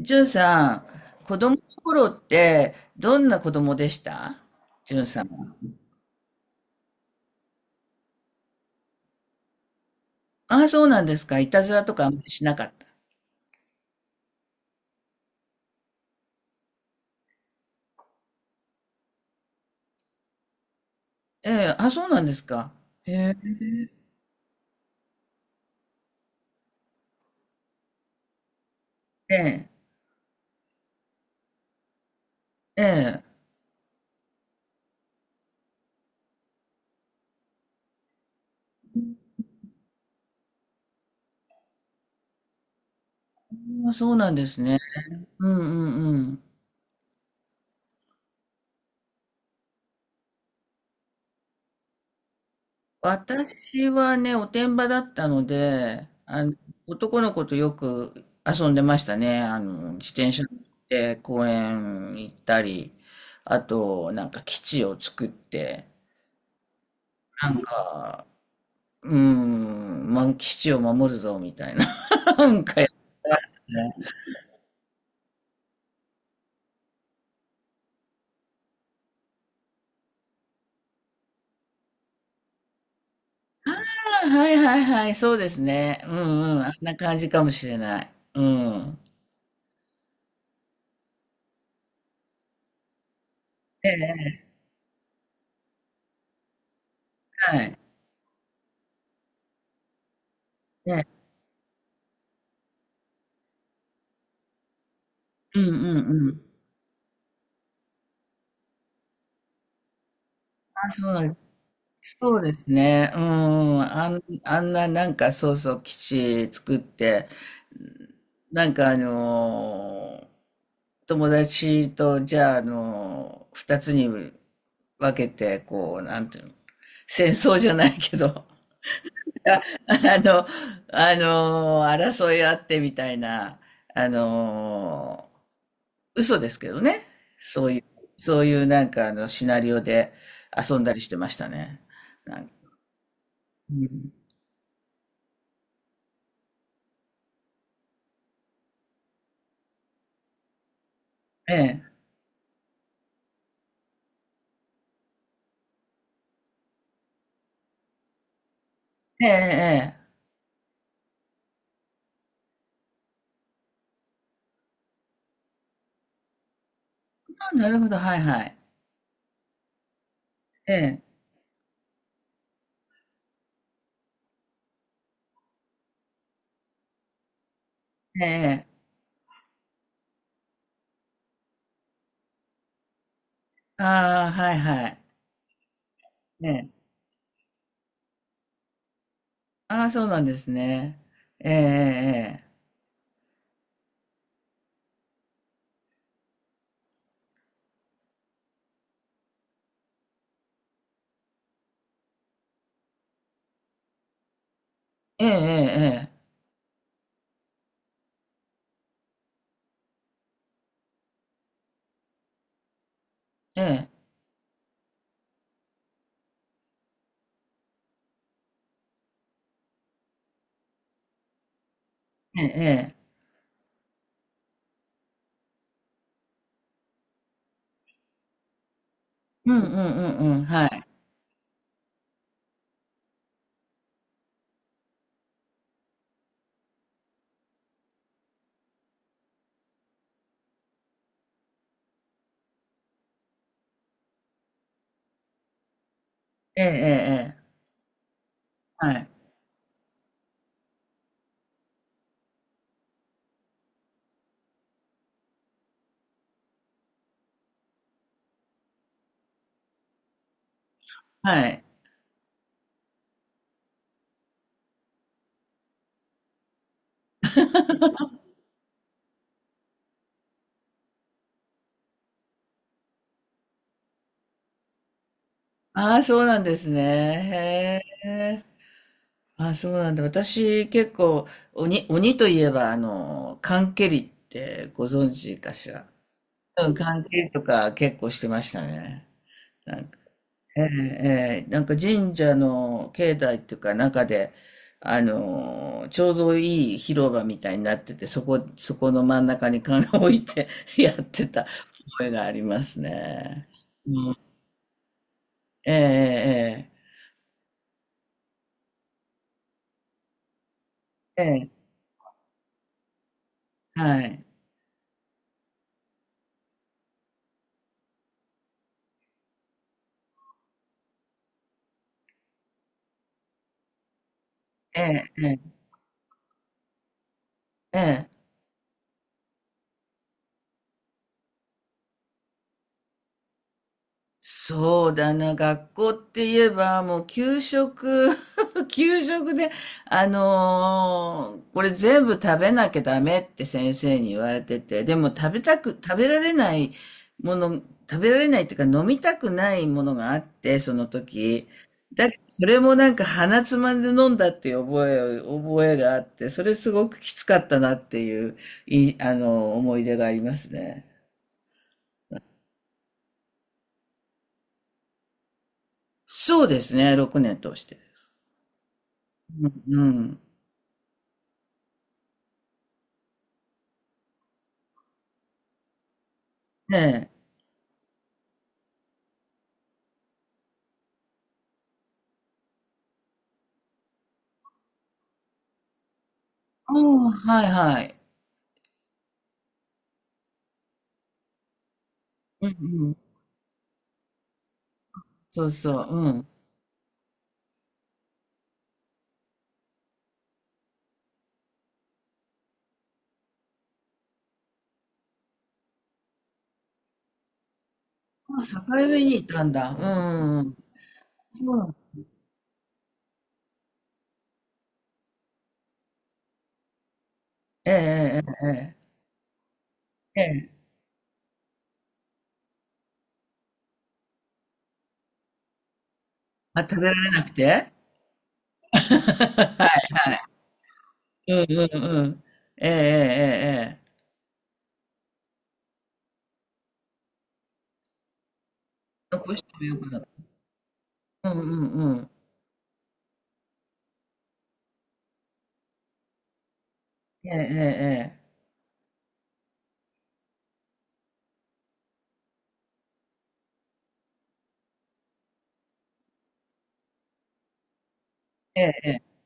じゅんさん、子供の頃ってどんな子供でしたじゅんさん。ああ、そうなんですか。いたずらとかあんまりしなかった。ええ、あ、そうなんですか。へえ、ええ、ええ。あ、そうなんですね。うんうんうん。私はね、おてんばだったので、男の子とよく遊んでましたね。自転車乗って公園行ったり、あと、なんか基地を作って、なんか、基地を守るぞ、みたいな。なんかやね。あ、はいはいはい、そうですね。うんうん、あんな感じかもしれない。うん。ええ、はい。え、うんうんうん。あ、そうなんです、そうですね。うん、なんか、そうそう、基地作って、なんかあのー友達と、じゃあ、二つに分けて、こう、なんていうの、戦争じゃないけど、あ、の、あの、争いあってみたいな、あの嘘ですけどね。そういう、そういうなんか、シナリオで遊んだりしてましたね。なん、うん、ええ、ええ、ええ。あ、なるほど、はいはい。ええ、ええ、ええ、ああ、はいはい。ええ、ああ、そうなんですね。ええ、ええ、ええ、ええ、ええ、ええ、ええ、ええ、うんうんうんうん、はい。ええ、ええ、ええ、はい。はい。ああ、そうなんですね。へえ。ああ、そうなんだ。私、結構、鬼、鬼といえば、缶蹴りってご存知かしら。うん、缶蹴りとか結構してましたね。なんか、ええ、ええ、なんか神社の境内っていうか中で、ちょうどいい広場みたいになってて、そこ、そこの真ん中に缶を置いて やってた覚えがありますね。うん、ええ、ええ、ええ、はい。ええ、ええ、ええ。そうだな、学校って言えば、もう給食、給食で、これ全部食べなきゃダメって先生に言われてて、でも食べたく、食べられないもの、食べられないっていうか飲みたくないものがあって、その時。だ、それもなんか鼻つまんで飲んだっていう覚え、覚えがあって、それすごくきつかったなっていう、い、思い出がありますね。そうですね、6年通して。うんうん。ええ。ああ、はいはい。うんうん。そうそう、うん。あ、境目にいたんだ。うんうんうん。うん。ええええええ。ええ。まあ、食べられなくて うんうんうん。ええええええ。残してもよくなる、うんうんうん。ええええええ。ええええ。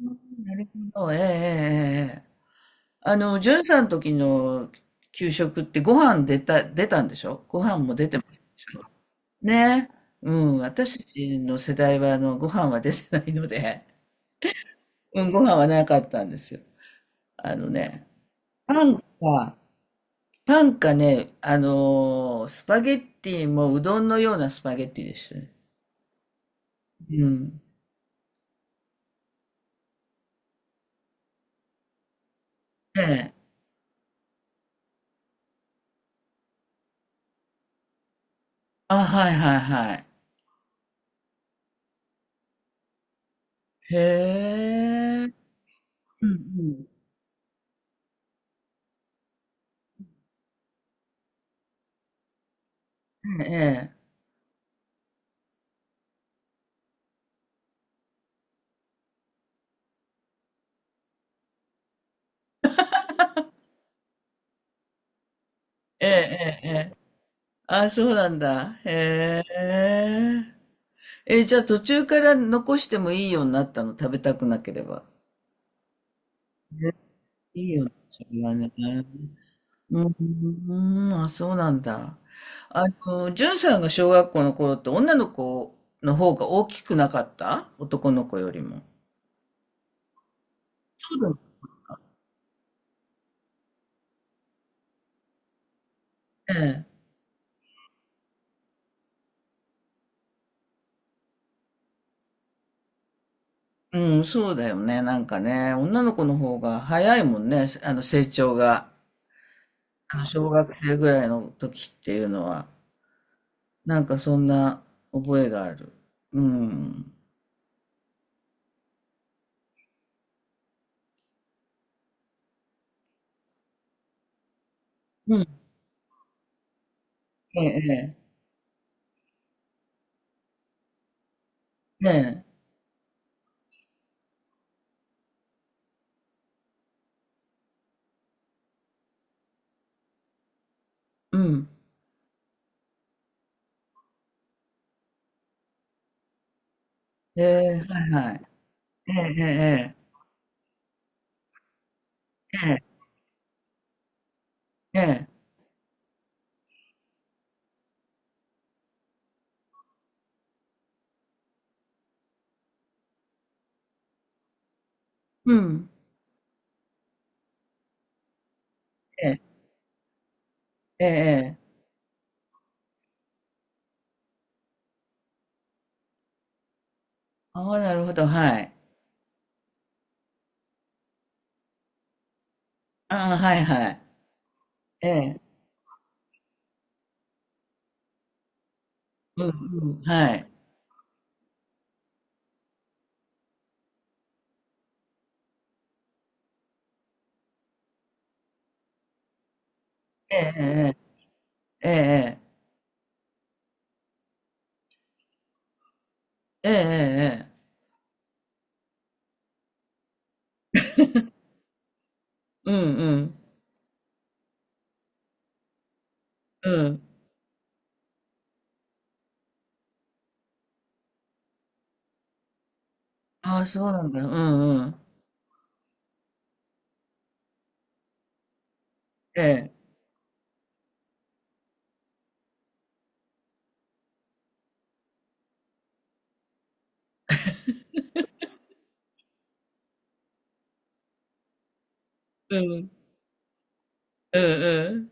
うん、なるほど。ええええええ。じゅんさんの時の給食ってご飯出た出たんでしょ？ご飯も出てね、うん、私の世代はあのご飯は出てないので、うん、ご飯はなかったんですよ。あのね、パンか、パンかね、スパゲッティもうどんのようなスパゲッティでしたね。うん。ええ。あ、はいはいはい。へえ。うんうん。ええ。ええ、ええ、ええ。あ、そうなんだ。へえ。え、じゃあ途中から残してもいいようになったの、食べたくなければ。いいよね、それはね。うん、あ、そうなんだ。じゅんさんが小学校の頃って女の子の方が大きくなかった男の子よりも。そうだよね。うん、そうだよね。なんかね、女の子の方が早いもんね、あの成長が。あの小学生ぐらいの時っていうのは、なんかそんな覚えがある。うん。うん。ええ、ええ、ええ、うん。ええ、はいはい。ええ、ええ、ええ。ええ、うん、ええ、ええ、ええ、ああ、なるほど、はい。ああ、はいはい。ええ、うん、うん、はい。ええ、ええ、ええ、ええ、ええ、ええ、うん、うん、うん。ああ、そうなんだ、うん、うん。ええ、うん、うん、うん。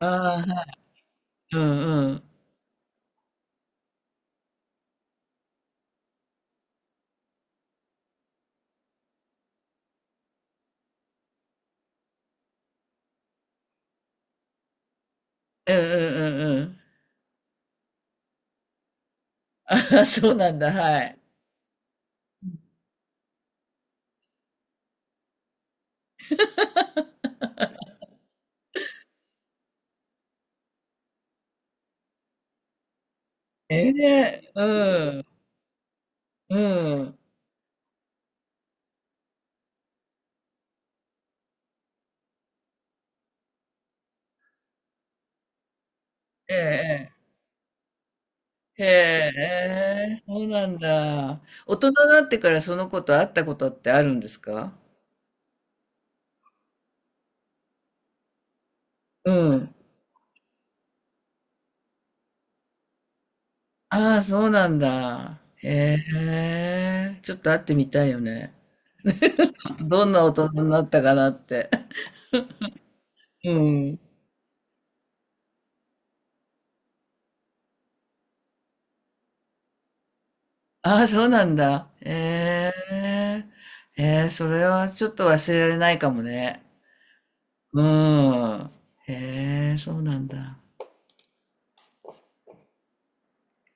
ああ、はい、うん、うん、うん、うん、うん。ああ、そうなんだ、はい。ええ、うん、うん、ええ、ええ。へえ、そうなんだ。大人になってからその子と会ったことってあるんですか？うん。ああ、そうなんだ。へえ、ちょっと会ってみたいよね。どんな大人になったかなって。うん。ああ、そうなんだ。へえ、へえ、それはちょっと忘れられないかもね。うん。へえ、そうなんだ。